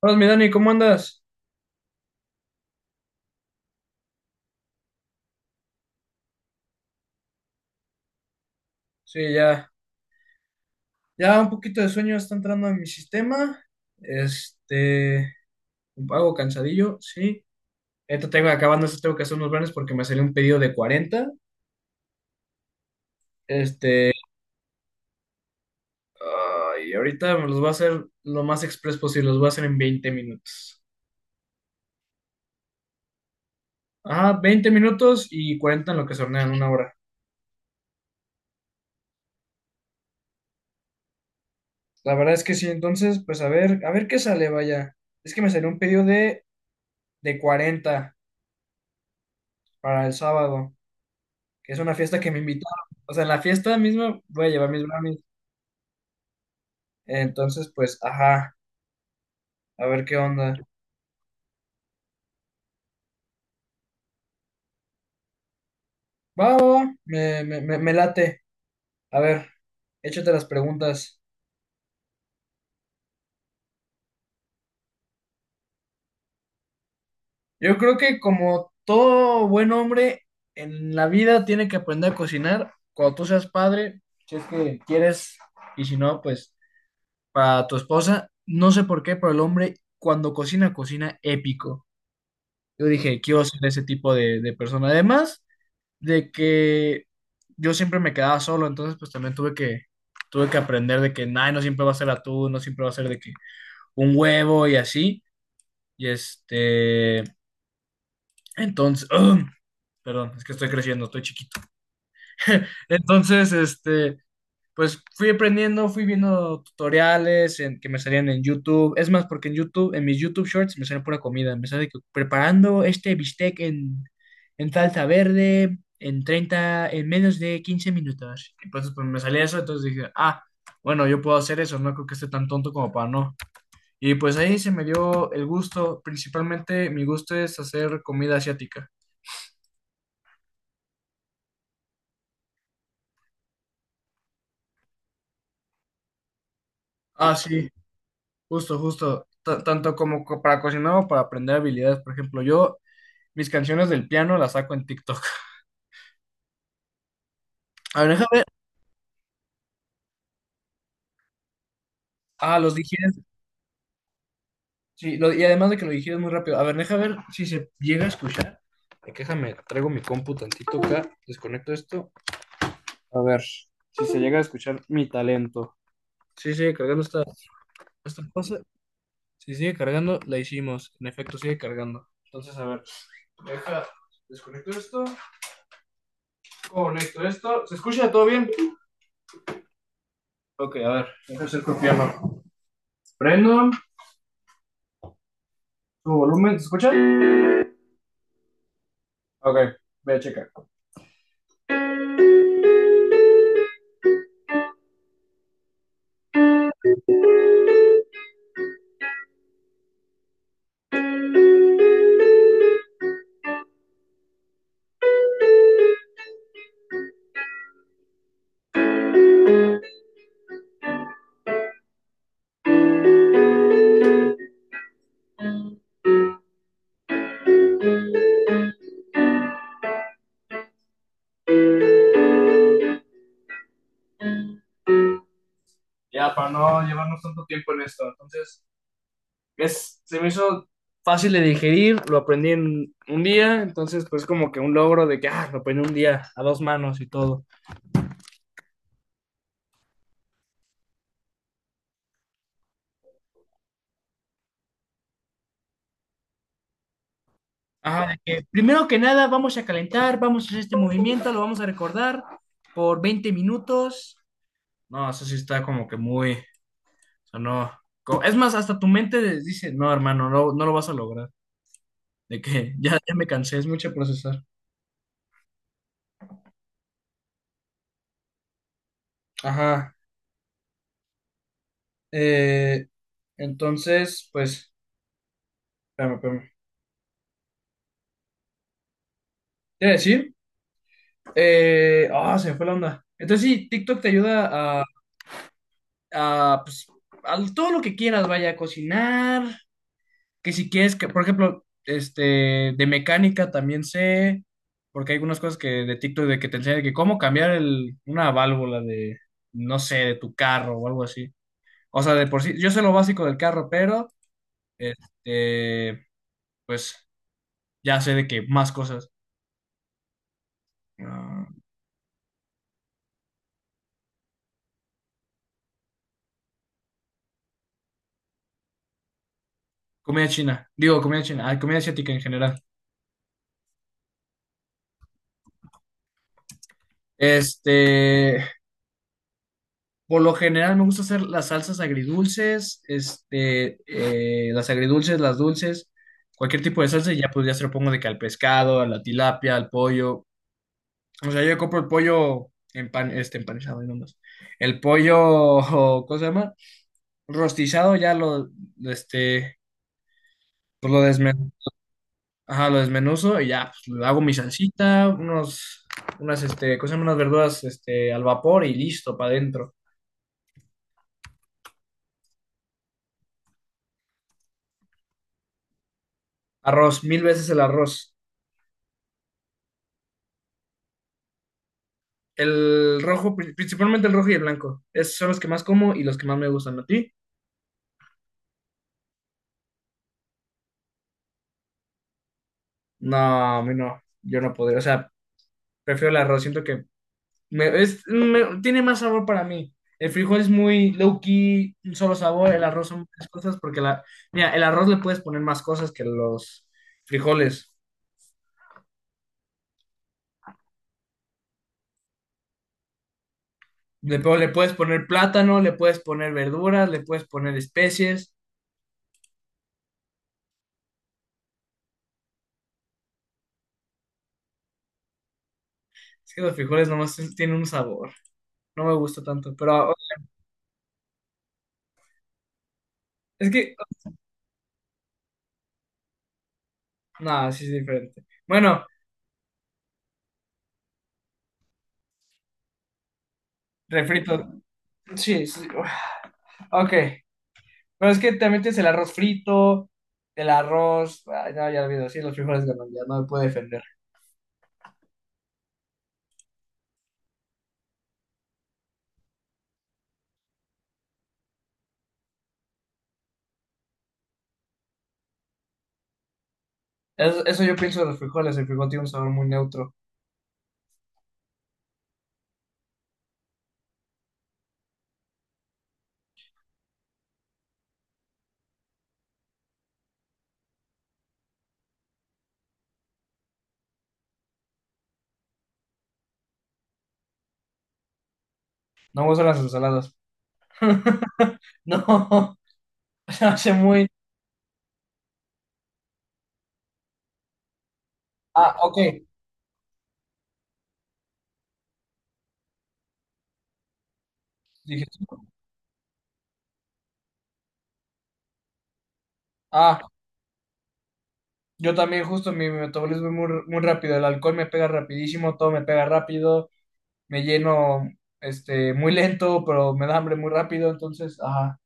Hola, mi Dani, ¿cómo andas? Sí, ya, ya un poquito de sueño está entrando en mi sistema. Este, un pago cansadillo, sí. Ahorita tengo, acabando esto, tengo que hacer unos planes porque me salió un pedido de 40. Este, y ahorita me los voy a hacer lo más express posible, los voy a hacer en 20 minutos. Ah, 20 minutos y 40 en lo que se hornean, 1 hora. La verdad es que sí, entonces, pues a ver qué sale, vaya. Es que me salió un pedido de 40 para el sábado, que es una fiesta que me invitaron. O sea, en la fiesta misma voy a llevar mis brownies. Entonces, pues, ajá, a ver qué onda. Va, va, va, me late. A ver, échate las preguntas. Yo creo que como todo buen hombre en la vida tiene que aprender a cocinar cuando tú seas padre, si es que quieres, y si no, pues para tu esposa. No sé por qué, pero el hombre cuando cocina, cocina épico. Yo dije, quiero ser ese tipo de persona. Además, de que yo siempre me quedaba solo, entonces pues también tuve que aprender de que, nada, no siempre va a ser atún, no siempre va a ser de que un huevo y así, y este, entonces, perdón, es que estoy creciendo, estoy chiquito. Entonces, pues fui aprendiendo, fui viendo tutoriales que me salían en YouTube. Es más, porque en YouTube, en mis YouTube Shorts me sale pura comida. Me sale que preparando este bistec en salsa verde en 30 en menos de 15 minutos. Y pues me salía eso, entonces dije, ah, bueno, yo puedo hacer eso, no creo que esté tan tonto como para no. Y pues ahí se me dio el gusto, principalmente mi gusto es hacer comida asiática. Ah, sí, justo, justo. Tanto como para cocinar o para aprender habilidades. Por ejemplo, yo mis canciones del piano las saco en TikTok. A ver, deja ver. Ah, los digieres. Sí, y además de que lo digieres muy rápido. A ver, deja ver si se llega a escuchar. Que Déjame, traigo mi compu tantito acá, desconecto esto. A ver, si se llega a escuchar mi talento. Sí, sigue cargando esta cosa. Si sigue cargando, la hicimos. En efecto, sigue cargando. Entonces, a ver, deja, desconecto esto, conecto esto. ¿Se escucha todo bien? Ok, a ver, deja hacer piano. Prendo, su volumen, ¿se escucha? Ok, voy a checar ya para no llevarnos tanto tiempo en esto. Entonces, se me hizo fácil de digerir, lo aprendí en un día, entonces pues como que un logro de que, ah, lo aprendí un día a dos manos y todo. Ajá, de que primero que nada vamos a calentar, vamos a hacer este movimiento, lo vamos a recordar por 20 minutos. No, eso sí está como que muy, o sea, no. Es más, hasta tu mente dice, no, hermano, no, no lo vas a lograr. De que ya, ya me cansé, es mucho procesar. Ajá. eh, entonces, pues espérame, espérame. Te iba a decir, se me fue la onda. Entonces sí, TikTok te ayuda a, pues, a todo lo que quieras, vaya a cocinar, que si quieres, que, por ejemplo, de mecánica también sé, porque hay algunas cosas que de TikTok de que te enseñan de que cómo cambiar una válvula de, no sé, de tu carro o algo así. O sea, de por sí, yo sé lo básico del carro, pero, este, pues, ya sé de que más cosas. Ah, comida china, digo, comida china, ah, comida asiática en general. Este, por lo general me gusta hacer las salsas agridulces, las agridulces, las dulces, cualquier tipo de salsa y ya pues ya se lo pongo de que al pescado, a la tilapia, al pollo. O sea, yo compro el pollo empanizado y nomás. El pollo, o, ¿cómo se llama? Rostizado, ya lo, este, pues ajá, lo desmenuzo y ya pues, le hago mi salsita, unos, ¿cómo se llama? Unas verduras, al vapor y listo, para adentro. Arroz, mil veces el arroz. El rojo, principalmente el rojo y el blanco. Esos son los que más como y los que más me gustan. ¿A ti? No, a mí no. Yo no podría. O sea, prefiero el arroz. Siento que tiene más sabor para mí. El frijol es muy low key, un solo sabor. El arroz son muchas cosas porque mira, el arroz le puedes poner más cosas que los frijoles. Le puedes poner plátano, le puedes poner verduras, le puedes poner especies. Es que los frijoles nomás tienen un sabor. No me gusta tanto. Pero es que no, sí es diferente. Bueno, refrito. Sí, sí. Uf, ok. Pero es que también tienes el arroz frito, el arroz. Ay, no, ya olvido. Sí, los frijoles ganan, ya no me puedo defender. Eso yo pienso de los frijoles. El frijol tiene un sabor muy neutro. No me gustan las ensaladas. No, se hace muy. Ah, ok. Dije, ah, yo también, justo mi metabolismo es muy, muy rápido. El alcohol me pega rapidísimo, todo me pega rápido. Me lleno muy lento, pero me da hambre muy rápido. Entonces, ajá.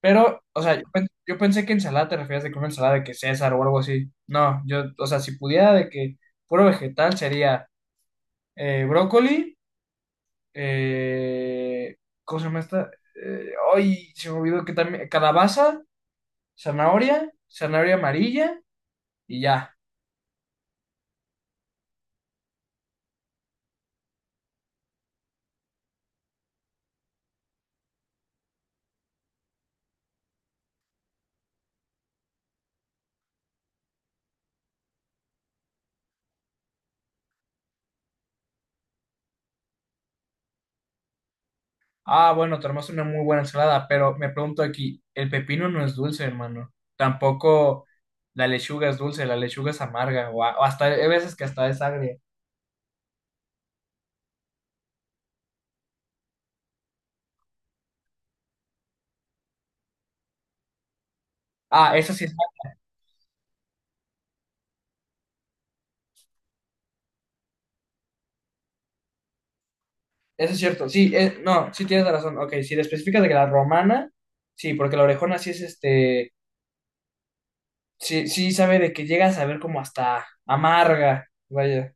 Pero, o sea, yo pensé que ensalada te referías de que una ensalada de que César o algo así. No, yo, o sea, si pudiera de que puro vegetal sería brócoli, eh, ¿cómo se llama esta? Se me olvidó que también, calabaza, zanahoria, zanahoria amarilla y ya. Ah, bueno, te armaste una muy buena ensalada, pero me pregunto aquí, el pepino no es dulce, hermano. Tampoco la lechuga es dulce, la lechuga es amarga, o, o hasta, hay veces que hasta es agria. Ah, eso sí. Eso es cierto, sí, no, sí tienes razón. Ok, si le especificas de que la romana, sí, porque la orejona sí es sí, sí sabe de que llega a saber como hasta amarga, vaya,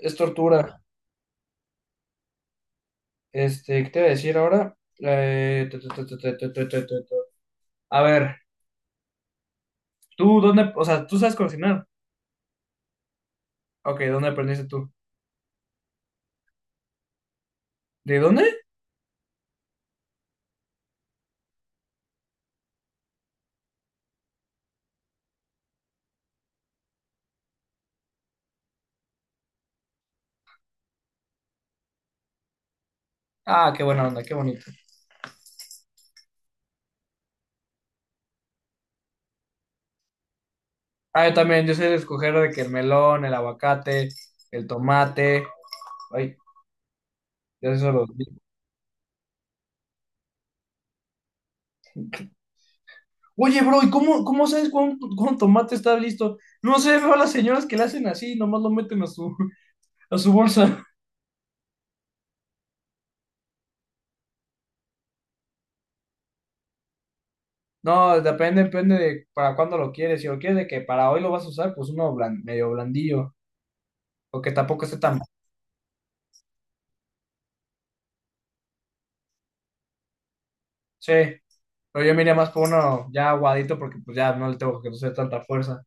es tortura. ¿Qué te voy a decir ahora? Tu, tu, tu. A ver, tú, o sea, tú sabes cocinar? Ok, ¿dónde aprendiste tú? ¿De dónde? Ah, qué buena onda, qué bonito. Ah, yo también, yo sé escoger de que el melón, el aguacate, el tomate, ay, ya sé solo. Oye, bro, ¿y cómo sabes cuándo tomate está listo? No sé, veo a las señoras que le hacen así, nomás lo meten a su bolsa. No, depende de para cuándo lo quieres. Si lo quieres de que para hoy lo vas a usar, pues uno medio blandillo, o que tampoco esté tan. Sí, pero yo me iría más por uno ya aguadito porque pues ya no le tengo que hacer tanta fuerza.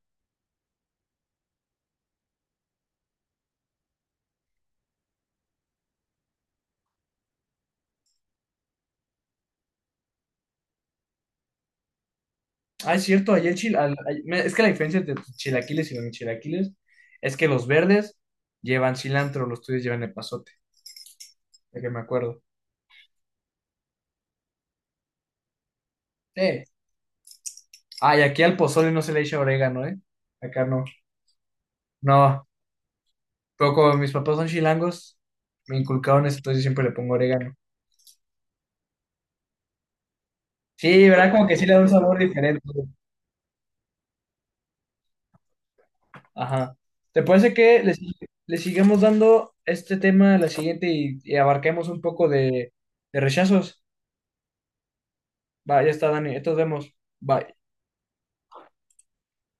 Ah, es cierto, ayer chil... al- ay- me- es que la diferencia entre tus chilaquiles y los chilaquiles es que los verdes llevan cilantro, los tuyos llevan epazote, de que me acuerdo. Sí. Ay, aquí al pozole no se le echa orégano, ¿eh? Acá no. No, pero como mis papás son chilangos, me inculcaron eso, entonces yo siempre le pongo orégano. Sí, ¿verdad? Como que sí le da un sabor diferente. Ajá. ¿Te parece que le sigamos dando este tema a la siguiente y abarquemos un poco de rechazos? Va, ya está, Dani. Entonces vemos. Bye.